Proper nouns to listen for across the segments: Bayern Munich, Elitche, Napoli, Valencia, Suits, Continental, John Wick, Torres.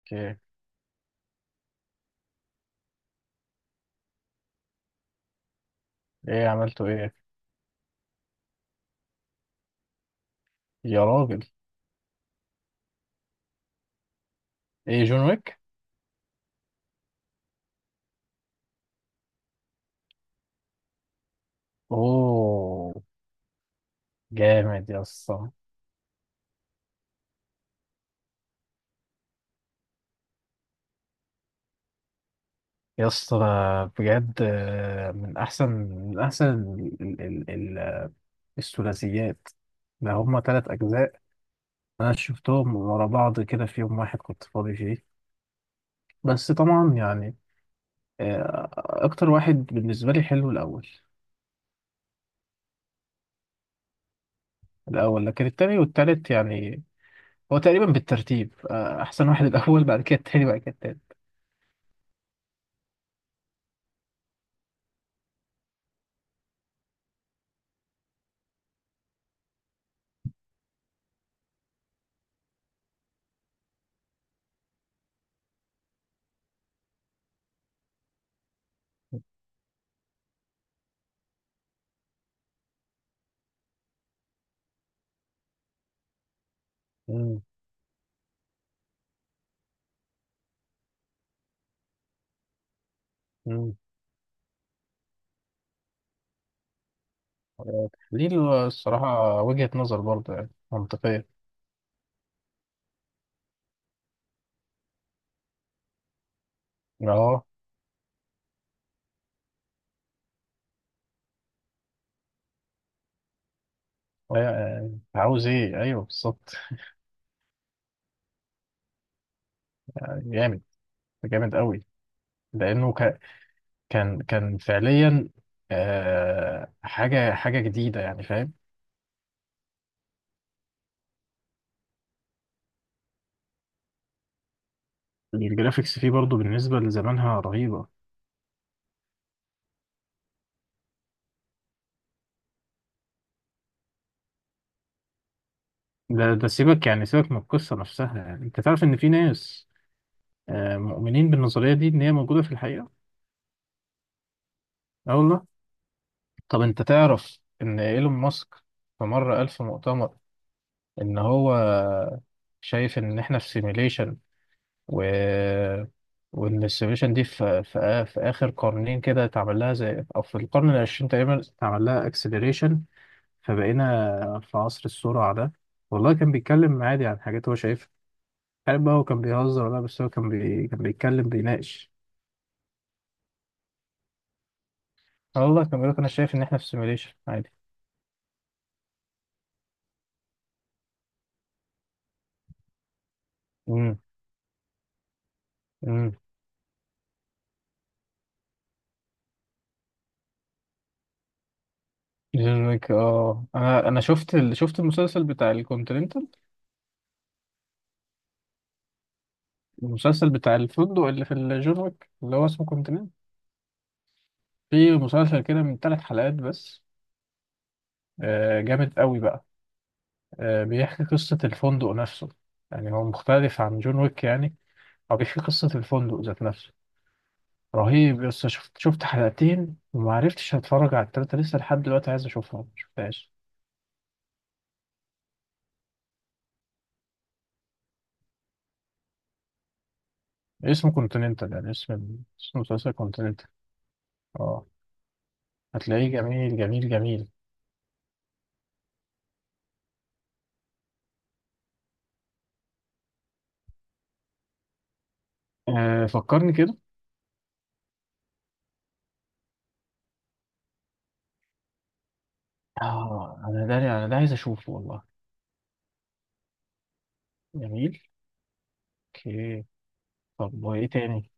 اوكي. عملته ايه؟ يا راجل، ايه؟ جون ويك. اوه، جامد يا اسطى. يا اسطى ده بجد من احسن، من احسن ال- ال- ال- ال- الثلاثيات. ده هما تلات اجزاء. انا شفتهم ورا بعض كده في يوم واحد كنت فاضي فيه. بس طبعا يعني، اكتر واحد بالنسبه لي حلو الاول. الاول، لكن التاني والتالت يعني. هو تقريبا بالترتيب، احسن واحد الاول، بعد كده التاني، بعد كده التالت. مم. دي الصراحة وجهة نظر برضه يعني منطقية. اه. يعني عاوز ايه؟ ايوه بالظبط. جامد، جامد قوي. لانه كان، كان فعليا آه، حاجة، حاجة جديدة يعني، فاهم؟ الجرافيكس فيه برضه بالنسبة لزمانها رهيبة. ده ده سيبك، يعني سيبك من القصة نفسها. يعني انت تعرف ان في ناس آه مؤمنين بالنظرية دي، ان هي موجودة في الحقيقة. اه والله. طب انت تعرف ان ايلون ماسك في مرة قال في مؤتمر ان هو شايف ان احنا في سيميليشن، و وان السيميليشن دي في اخر قرنين كده اتعمل لها زي، او في القرن العشرين تقريبا اتعمل لها اكسلريشن، فبقينا في عصر السرعه ده. والله كان بيتكلم عادي عن حاجات هو شايفها. عارف بقى هو كان بيهزر؟ ولا بس هو كان كان بيتكلم، بيناقش. والله كان بيقول لك انا شايف ان احنا في سيميليشن، عادي. امم امم. جون ويك. اه، انا انا شفت شفت المسلسل بتاع الكونتيننتال. المسلسل بتاع الفندق اللي في الجورك اللي هو اسمه كونتيننت. في مسلسل كده من ثلاث حلقات بس، جامد قوي بقى. بيحكي قصة الفندق نفسه، يعني هو مختلف عن جون ويك يعني. هو بيحكي قصة الفندق ذات نفسه. رهيب. بس شفت، شفت حلقتين وما عرفتش هتفرج على التلاتة لسه لحد دلوقتي. عايز اشوفها، ما شفتهاش. اسمه كونتيننتال يعني، اسم المسلسل كونتيننتال. اه. هتلاقيه جميل، جميل، جميل. آه، فكرني كده. اه، انا ده، انا ده عايز اشوفه والله. جميل. اوكي. طب وايه تاني؟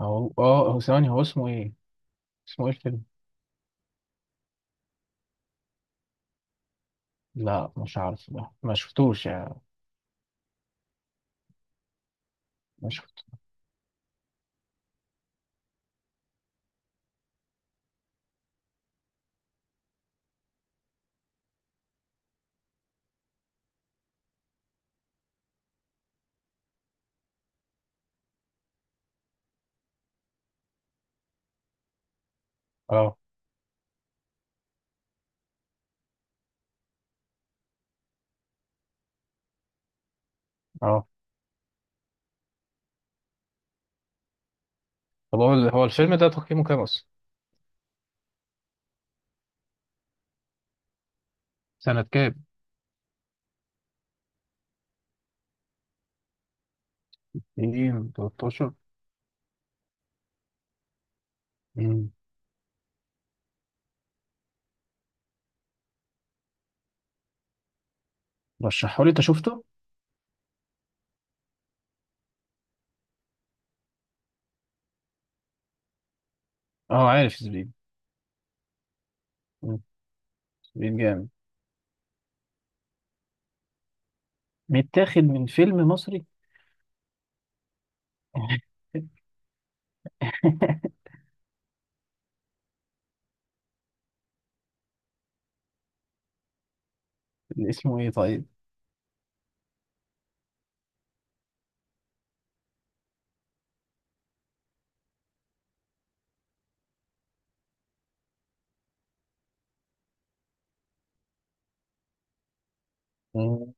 هو ثواني، هو اسمه ايه؟ اسمه ايه الفيلم؟ لا مش عارف ده، ما شفتوش يعني. ما شفت. اه، اه. طب هو الفيلم ده تقييمه كام اصلا؟ سنة كام؟ 2013. امم. رشحه لي، انت شفته؟ اه، عارف زبيب. مم. زبيب جامد. متاخد من فيلم مصري؟ اللي اسمه ايه طيب؟ مم.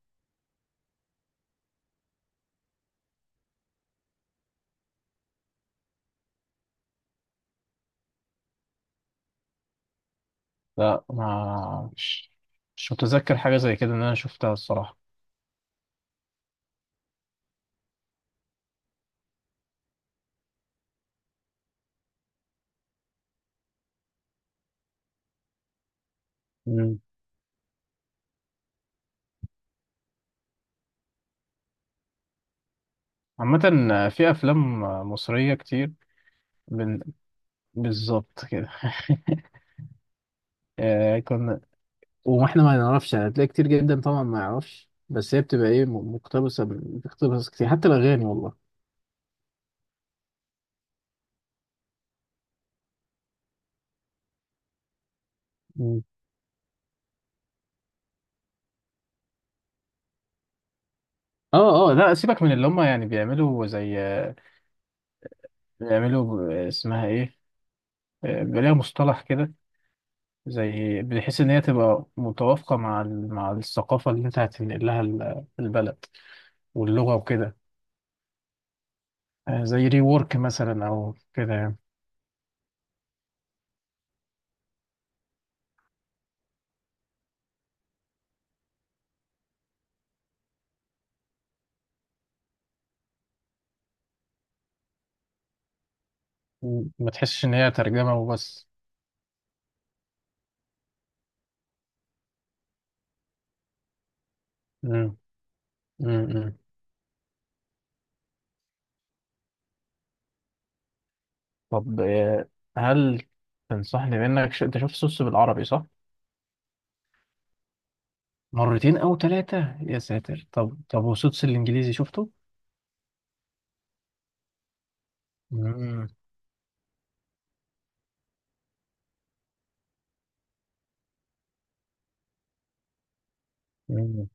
لا، ما مش مش متذكر حاجة زي كده ان انا شفتها الصراحة. مم. عامة، في افلام مصرية كتير بال- بالظبط كده. كنا، واحنا ما نعرفش يعني. هتلاقي كتير جدا طبعا ما يعرفش، بس هي بتبقى ايه، مقتبسه بتقتبس كتير حتى الاغاني، والله. مم. اه، اه. لا، سيبك من اللي هم يعني، بيعملوا زي بيعملوا، اسمها ايه، بيبقى ليها مصطلح كده، زي بحيث ان هي تبقى متوافقه مع مع الثقافه اللي انت هتنقل لها البلد واللغه وكده. زي ري وورك مثلا او كده يعني. مم. ما تحسش ان هي ترجمه وبس. مم. مم. طب هل تنصحني بانك انت شفت سوتس بالعربي، صح؟ مرتين او ثلاثة، يا ساتر. طب، طب وسوتس الانجليزي شفته؟ مم. مم.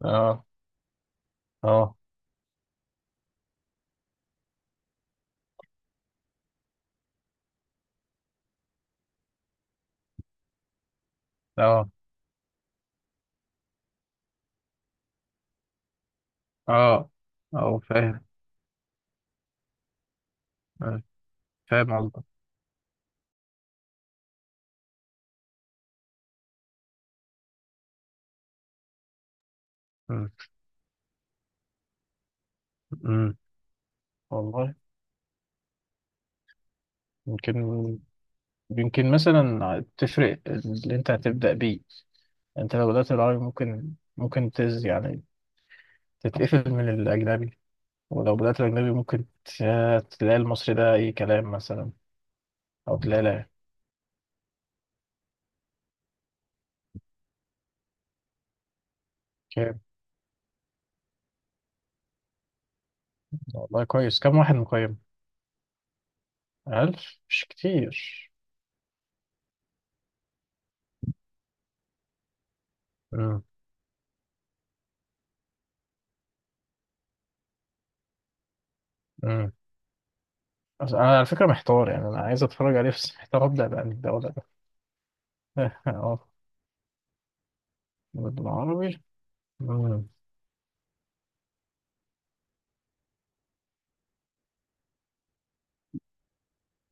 اه اه اه اه اه فاهم. آه، فاهم قصدك. مم. امم. والله يمكن، يمكن مثلا تفرق اللي انت هتبدأ بيه. انت لو بدأت بالعربي ممكن، ممكن تز يعني، تتقفل من الأجنبي. ولو بدأت الأجنبي ممكن تلاقي المصري ده أي كلام مثلا. طب لا لا. كام؟ والله كويس. كام واحد مقيم؟ ألف. مش كتير. امم امم. بس أنا على فكرة محتار يعني. أنا عايز أتفرج عليه بس محتار أبدأ بقى من الدولة. أه. بالعربي. امم.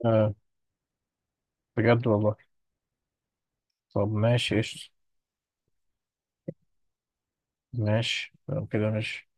آه بجد والله. طب ماشي، قشطة. ماشي، لو كده ماشي.